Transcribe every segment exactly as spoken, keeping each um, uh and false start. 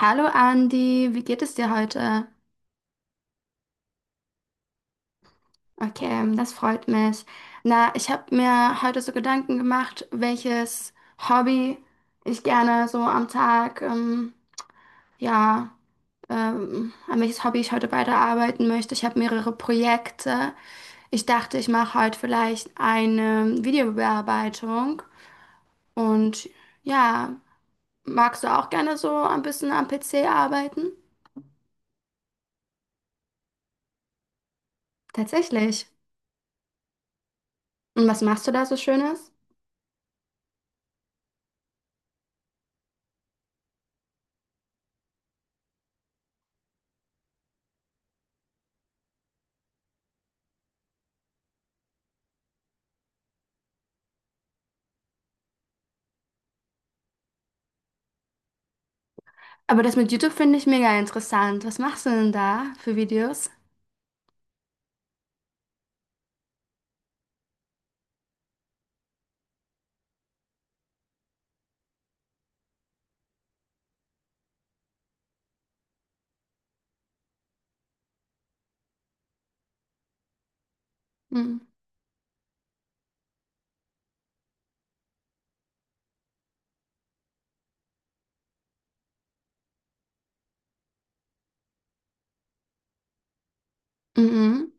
Hallo Andi, wie geht es dir heute? Okay, das freut mich. Na, ich habe mir heute so Gedanken gemacht, welches Hobby ich gerne so am Tag, ähm, ja, ähm, an welches Hobby ich heute weiterarbeiten möchte. Ich habe mehrere Projekte. Ich dachte, ich mache heute vielleicht eine Videobearbeitung. Und ja, magst du auch gerne so ein bisschen am P C arbeiten? Tatsächlich. Und was machst du da so Schönes? Aber das mit YouTube finde ich mega interessant. Was machst du denn da für Videos? Mhm. Mhm.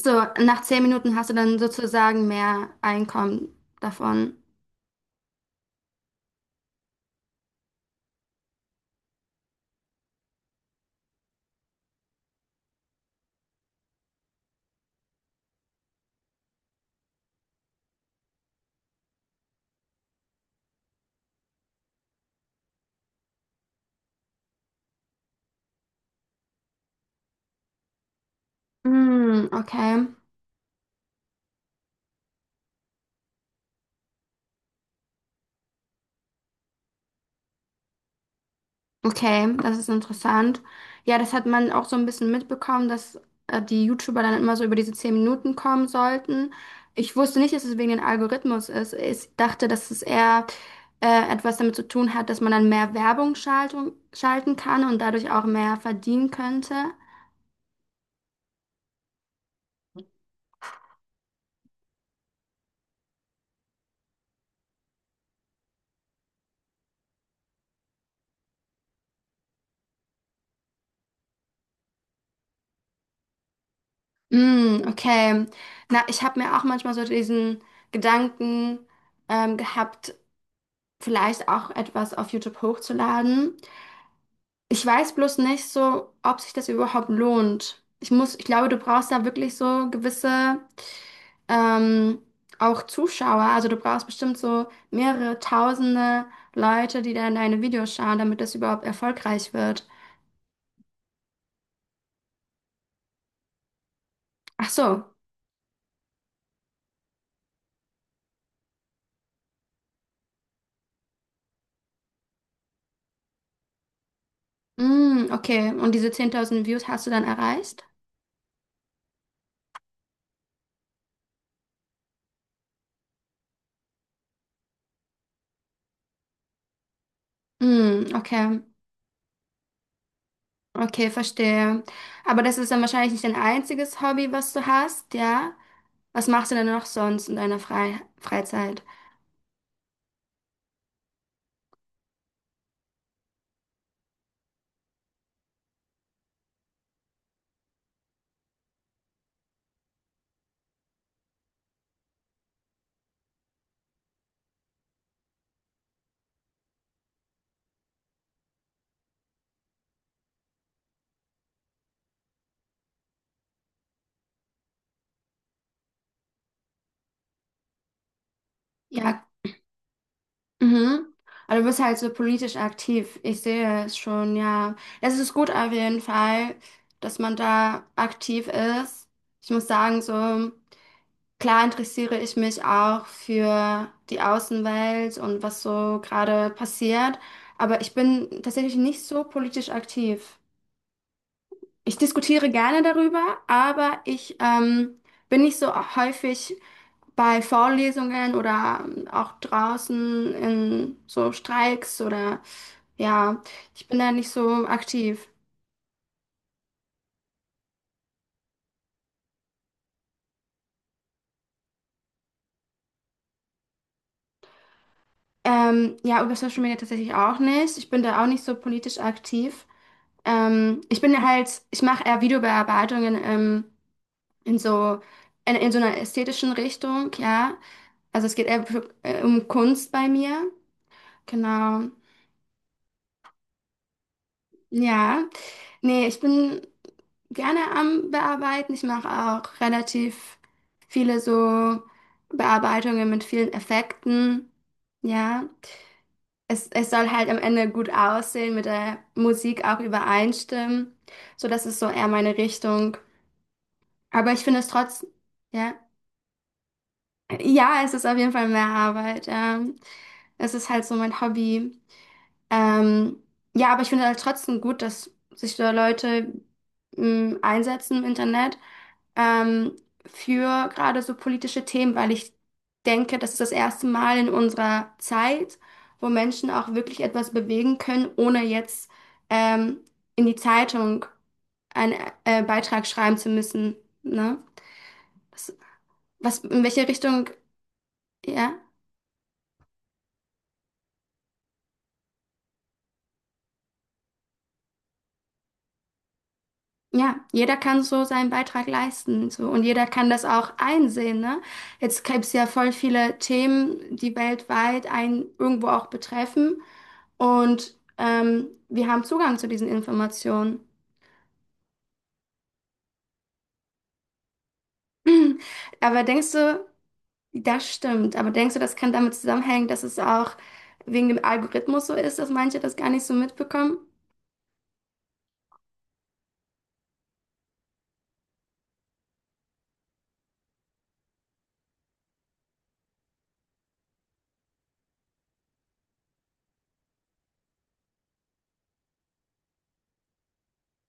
So, nach zehn Minuten hast du dann sozusagen mehr Einkommen davon. Mhm, okay. Okay, das ist interessant. Ja, das hat man auch so ein bisschen mitbekommen, dass äh, die YouTuber dann immer so über diese zehn Minuten kommen sollten. Ich wusste nicht, dass es wegen dem Algorithmus ist. Ich dachte, dass es eher äh, etwas damit zu tun hat, dass man dann mehr Werbung schaltung, schalten kann und dadurch auch mehr verdienen könnte. Mm, okay. Na, ich habe mir auch manchmal so diesen Gedanken ähm, gehabt, vielleicht auch etwas auf YouTube hochzuladen. Ich weiß bloß nicht so, ob sich das überhaupt lohnt. Ich muss, ich glaube, du brauchst da wirklich so gewisse ähm, auch Zuschauer. Also du brauchst bestimmt so mehrere tausende Leute, die dann deine Videos schauen, damit das überhaupt erfolgreich wird. Ach so. Mm, okay. Und diese zehntausend Views hast du dann erreicht? Mm, okay. Okay, verstehe. Aber das ist dann wahrscheinlich nicht dein einziges Hobby, was du hast, ja? Was machst du denn noch sonst in deiner Frei Freizeit? Ja, mhm. Aber du bist halt so politisch aktiv. Ich sehe es schon, ja. Es ist gut auf jeden Fall, dass man da aktiv ist. Ich muss sagen, so klar interessiere ich mich auch für die Außenwelt und was so gerade passiert. Aber ich bin tatsächlich nicht so politisch aktiv. Ich diskutiere gerne darüber, aber ich ähm, bin nicht so häufig bei Vorlesungen oder ähm, auch draußen in so Streiks oder ja, ich bin da nicht so aktiv. Ähm, ja, über Social Media tatsächlich auch nicht. Ich bin da auch nicht so politisch aktiv. Ähm, ich bin halt, ich mache eher Videobearbeitungen ähm, in so in, in so einer ästhetischen Richtung, ja. Also es geht eher für, äh, um Kunst bei mir. Genau. Ja. Nee, ich bin gerne am Bearbeiten. Ich mache auch relativ viele so Bearbeitungen mit vielen Effekten. Ja, es, es soll halt am Ende gut aussehen, mit der Musik auch übereinstimmen. So, das ist so eher meine Richtung. Aber ich finde es trotzdem, ja. Ja, es ist auf jeden Fall mehr Arbeit. Ja. Es ist halt so mein Hobby. Ähm, ja, aber ich finde halt trotzdem gut, dass sich da Leute mh, einsetzen im Internet ähm, für gerade so politische Themen, weil ich denke, das ist das erste Mal in unserer Zeit, wo Menschen auch wirklich etwas bewegen können, ohne jetzt ähm, in die Zeitung einen äh, Beitrag schreiben zu müssen. Ne? Das, was, in welche Richtung, ja? Ja, jeder kann so seinen Beitrag leisten, so. Und jeder kann das auch einsehen, ne? Jetzt gibt's ja voll viele Themen, die weltweit einen irgendwo auch betreffen. Und ähm, wir haben Zugang zu diesen Informationen. Aber denkst du, das stimmt, aber denkst du, das kann damit zusammenhängen, dass es auch wegen dem Algorithmus so ist, dass manche das gar nicht so mitbekommen?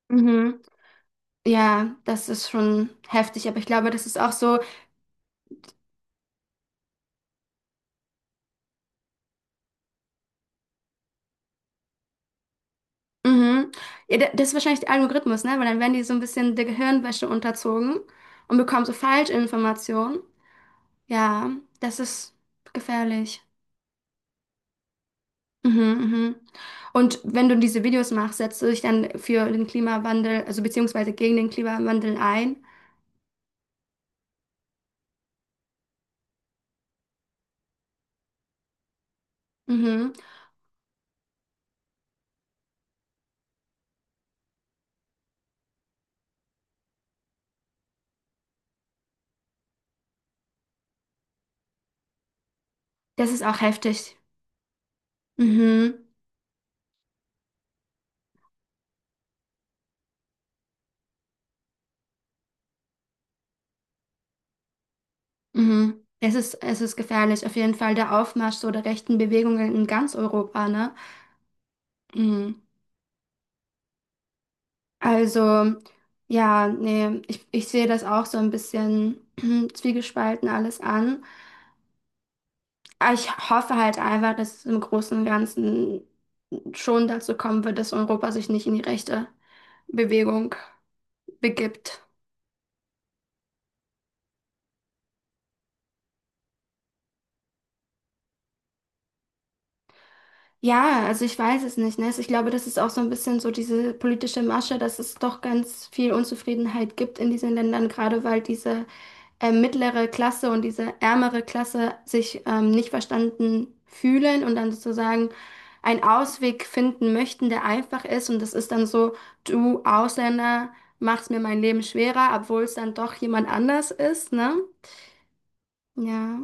Mhm. Ja, das ist schon heftig, aber ich glaube, das ist auch so. Mhm. Ja, da- das ist wahrscheinlich der Algorithmus, ne? Weil dann werden die so ein bisschen der Gehirnwäsche unterzogen und bekommen so Falschinformationen. Ja, das ist gefährlich. Mhm, mhm. Und wenn du diese Videos machst, setzt du dich dann für den Klimawandel, also beziehungsweise gegen den Klimawandel ein. Mhm. Das ist auch heftig. Mhm, mhm. Es ist, es ist gefährlich. Auf jeden Fall der Aufmarsch so der rechten Bewegungen in ganz Europa, ne? Mhm. Also, ja, nee, ich, ich sehe das auch so ein bisschen zwiegespalten alles an. Aber ich hoffe halt einfach, dass es im Großen und Ganzen schon dazu kommen wird, dass Europa sich nicht in die rechte Bewegung begibt. Ja, also ich weiß es nicht, ne? Also Ich glaube, das ist auch so ein bisschen so diese politische Masche, dass es doch ganz viel Unzufriedenheit gibt in diesen Ländern, gerade weil diese äh, mittlere Klasse und diese ärmere Klasse sich ähm, nicht verstanden fühlen und dann sozusagen einen Ausweg finden möchten, der einfach ist. Und das ist dann so, du Ausländer machst mir mein Leben schwerer, obwohl es dann doch jemand anders ist, ne? Ja,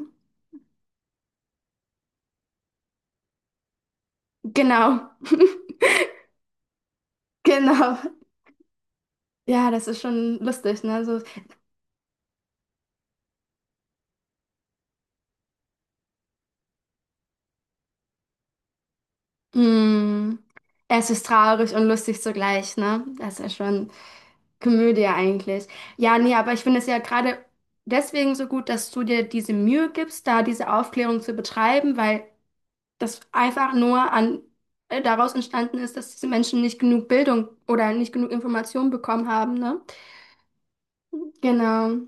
genau, genau. Ja, das ist schon lustig, ne? So, mm, es ist traurig und lustig zugleich, ne? Das ist ja schon. Komödie eigentlich. Ja, nee, aber ich finde es ja gerade deswegen so gut, dass du dir diese Mühe gibst, da diese Aufklärung zu betreiben, weil das einfach nur an, äh, daraus entstanden ist, dass diese Menschen nicht genug Bildung oder nicht genug Information bekommen haben, ne? Genau.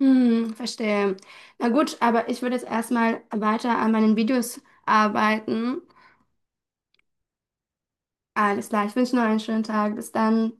Hm, verstehe. Na gut, aber ich würde jetzt erstmal weiter an meinen Videos arbeiten. Alles klar, ich wünsche noch einen schönen Tag. Bis dann.